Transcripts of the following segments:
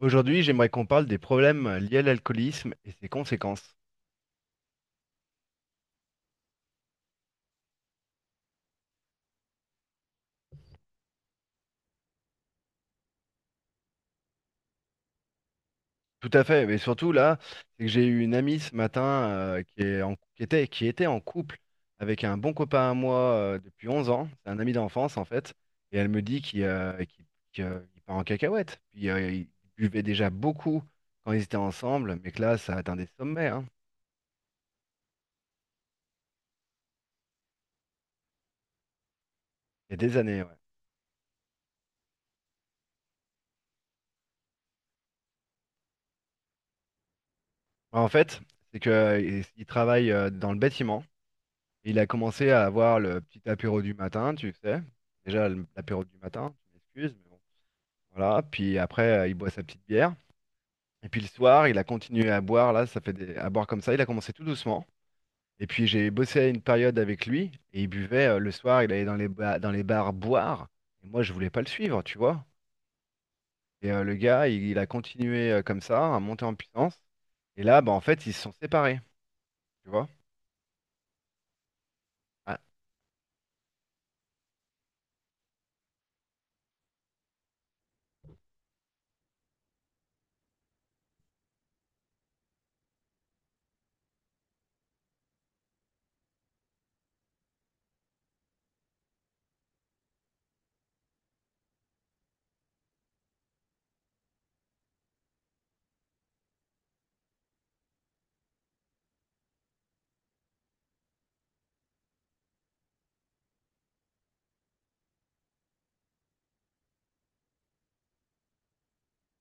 Aujourd'hui, j'aimerais qu'on parle des problèmes liés à l'alcoolisme et ses conséquences. Tout à fait, mais surtout là, c'est que j'ai eu une amie ce matin, qui est en- qui était en couple avec un bon copain à moi, depuis 11 ans, c'est un ami d'enfance en fait, et elle me dit qu'il part en cacahuète. Puis ils buvaient déjà beaucoup quand ils étaient ensemble, mais que là, ça atteint des sommets, hein. Il y a des années, ouais. En fait, c'est qu'ils travaillent, dans le bâtiment. Il a commencé à avoir le petit apéro du matin, tu sais. Déjà, l'apéro du matin, tu m'excuses, mais bon. Voilà. Puis après, il boit sa petite bière. Et puis le soir, il a continué à boire, là, à boire comme ça. Il a commencé tout doucement. Et puis j'ai bossé une période avec lui et il buvait, le soir, il allait dans les bars boire. Et moi, je voulais pas le suivre, tu vois. Et le gars, il a continué, comme ça, à monter en puissance. Et là, bah, en fait, ils se sont séparés, tu vois. Ah,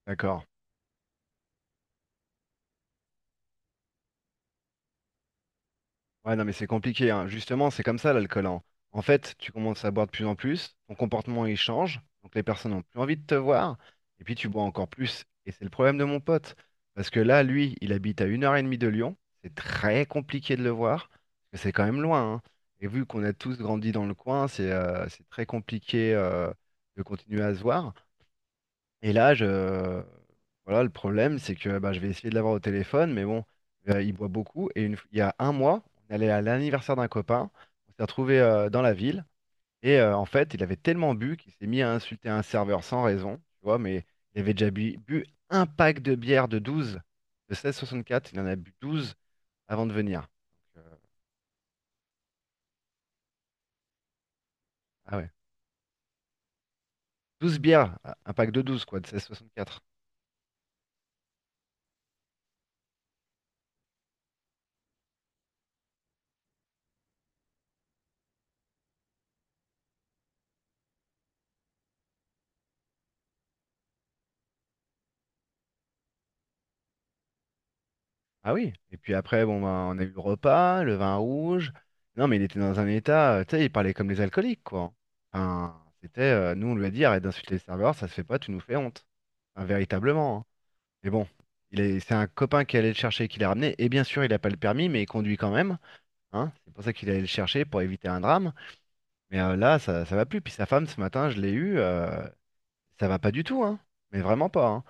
d'accord. Ouais, non, mais c'est compliqué, hein. Justement, c'est comme ça l'alcool, hein. En fait, tu commences à boire de plus en plus, ton comportement il change, donc les personnes n'ont plus envie de te voir, et puis tu bois encore plus. Et c'est le problème de mon pote. Parce que là, lui, il habite à une heure et demie de Lyon. C'est très compliqué de le voir, parce que c'est quand même loin, hein. Et vu qu'on a tous grandi dans le coin, c'est, c'est très compliqué, de continuer à se voir. Et là, voilà, le problème, c'est que bah, je vais essayer de l'avoir au téléphone, mais bon, il boit beaucoup. Il y a un mois, on allait à l'anniversaire d'un copain, on s'est retrouvé, dans la ville, et en fait, il avait tellement bu qu'il s'est mis à insulter un serveur sans raison, tu vois, mais il avait déjà bu un pack de bière de 12, de 16,64. Il en a bu 12 avant de venir. Donc, ah ouais, 12 bières, un pack de 12 quoi, de 16,64. Ah oui, et puis après, bon, ben, on a eu le repas, le vin rouge. Non, mais il était dans un état, tu sais, il parlait comme les alcooliques, quoi. Enfin, c'était, nous, on lui a dit, arrête d'insulter les serveurs, ça se fait pas, tu nous fais honte. Enfin, véritablement, hein. Mais bon, il est, c'est un copain qui allait le chercher et qui l'a ramené. Et bien sûr, il n'a pas le permis, mais il conduit quand même. Hein. C'est pour ça qu'il allait le chercher pour éviter un drame. Mais là, ça va plus. Puis sa femme, ce matin, je l'ai eue, ça va pas du tout, hein. Mais vraiment pas, hein.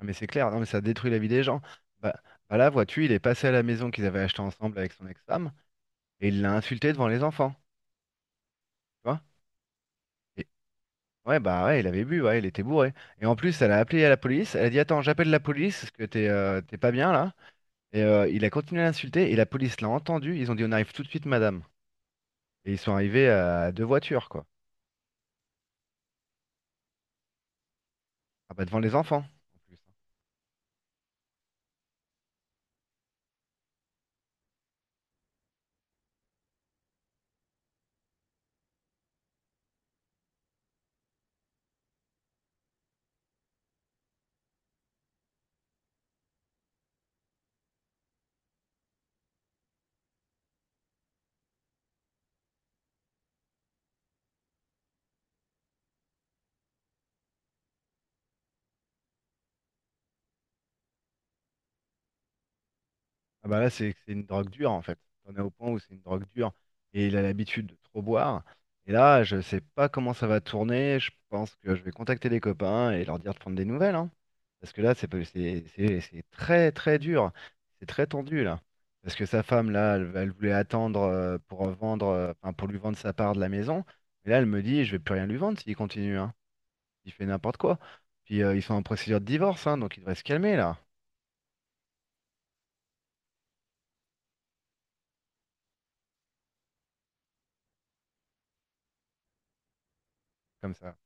Ah, mais c'est clair, non, mais ça détruit la vie des gens. Bah, bah là, vois-tu, il est passé à la maison qu'ils avaient acheté ensemble avec son ex-femme et il l'a insulté devant les enfants. Tu vois? Et, ouais, bah ouais, il avait bu, ouais, il était bourré. Et en plus, elle a appelé à la police. Elle a dit, attends, j'appelle la police parce que t'es pas bien là. Et il a continué à l'insulter et la police l'a entendu. Ils ont dit, on arrive tout de suite, madame. Et ils sont arrivés à deux voitures, quoi. Ah, bah devant les enfants, en plus. Ah bah là, c'est une drogue dure en fait. On est au point où c'est une drogue dure et il a l'habitude de trop boire. Et là, je sais pas comment ça va tourner. Je pense que je vais contacter les copains et leur dire de prendre des nouvelles, hein. Parce que là, c'est pas- c'est très très dur. C'est très tendu là. Parce que sa femme là, elle, elle voulait attendre, pour vendre, enfin, pour lui vendre sa part de la maison. Mais là, elle me dit, je vais plus rien lui vendre s'il continue, hein. Il fait n'importe quoi. Puis ils sont en procédure de divorce, hein, donc il devrait se calmer là, comme ça.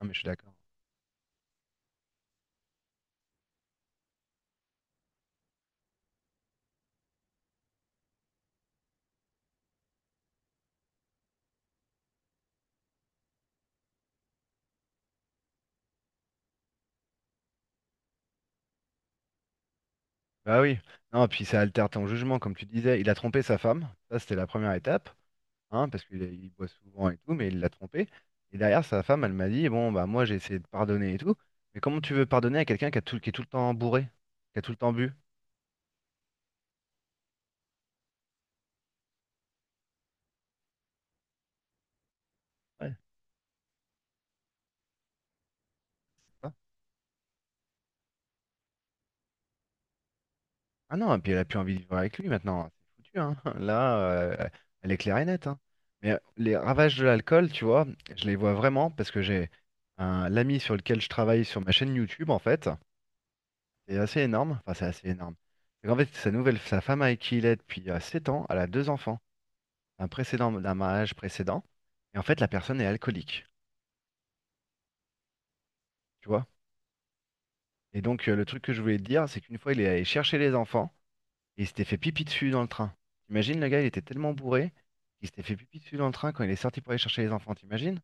Ah mais je suis d'accord. Bah oui, non, puis ça altère ton jugement, comme tu disais. Il a trompé sa femme, ça c'était la première étape, hein, parce qu'il il boit souvent et tout, mais il l'a trompé. Et derrière, sa femme, elle m'a dit, bon, bah moi j'ai essayé de pardonner et tout, mais comment tu veux pardonner à quelqu'un qui a tout, qui est tout le temps bourré, qui a tout le temps bu? Ouais, c'est ça. Ah non, et puis elle a plus envie de vivre avec lui maintenant, c'est foutu, hein. Là, elle est claire et nette, hein. Mais les ravages de l'alcool, tu vois, je les vois vraiment parce que j'ai un l'ami sur lequel je travaille sur ma chaîne YouTube, en fait. C'est assez énorme. Enfin, c'est assez énorme. C'est qu'en fait, sa nouvelle, sa femme avec qui il est depuis, 7 ans, elle a deux enfants d'un mariage précédent. Et en fait, la personne est alcoolique, tu vois. Et donc, le truc que je voulais te dire, c'est qu'une fois, il est allé chercher les enfants et il s'était fait pipi dessus dans le train. T'imagines, le gars, il était tellement bourré qu'il s'était fait pipi dessus dans le train quand il est sorti pour aller chercher les enfants, t'imagines?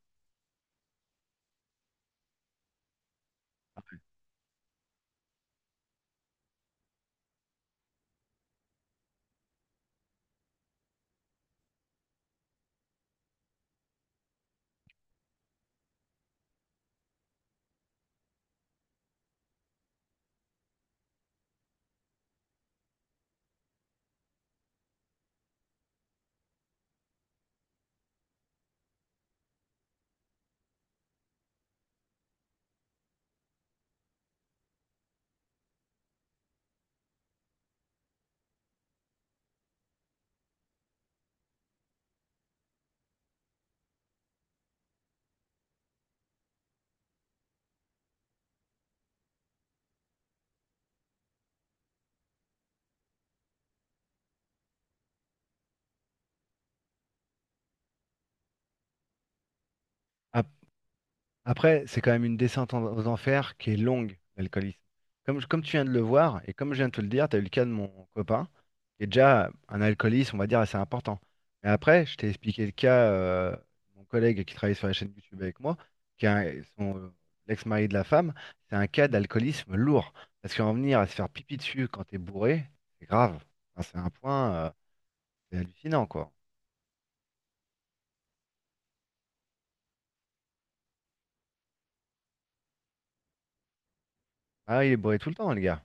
Après, c'est quand même une descente aux enfers qui est longue, l'alcoolisme. Comme tu viens de le voir, et comme je viens de te le dire, tu as eu le cas de mon copain, qui est déjà un alcooliste, on va dire, assez important. Mais après, je t'ai expliqué le cas, de mon collègue qui travaille sur la chaîne YouTube avec moi, qui est un- son, l'ex-mari de la femme, c'est un cas d'alcoolisme lourd. Parce qu'en venir à se faire pipi dessus quand t'es bourré, c'est grave. Enfin, c'est un point, c'est hallucinant, quoi. Ah, il est bourré tout le temps, le gars.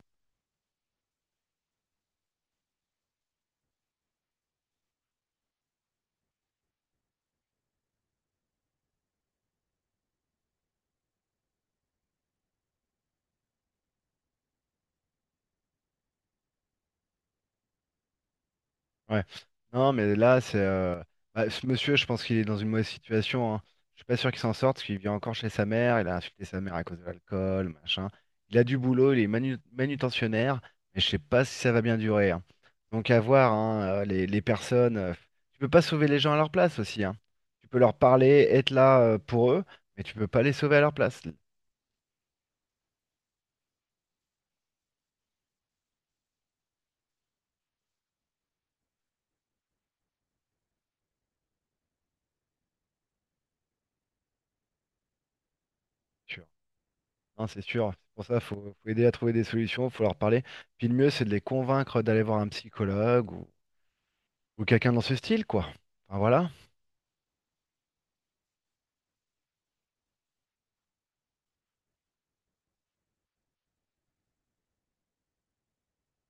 Ouais. Non, mais là, c'est. Bah, ce monsieur, je pense qu'il est dans une mauvaise situation, hein. Je suis pas sûr qu'il s'en sorte, parce qu'il vit encore chez sa mère. Il a insulté sa mère à cause de l'alcool, machin. Il a du boulot, il est manutentionnaire, mais je sais pas si ça va bien durer, hein. Donc à voir, hein, les personnes. Tu peux pas sauver les gens à leur place aussi, hein. Tu peux leur parler, être là, pour eux, mais tu peux pas les sauver à leur place. C'est sûr. Non, c'est sûr. C'est pour ça, faut aider à trouver des solutions, faut leur parler. Puis le mieux, c'est de les convaincre d'aller voir un psychologue ou quelqu'un dans ce style, quoi. Enfin, voilà.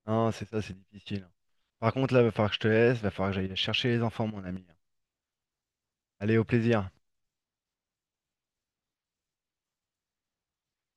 Non, c'est ça, c'est difficile. Par contre, là, va falloir que je te laisse, va falloir que j'aille chercher les enfants, mon ami. Allez, au plaisir.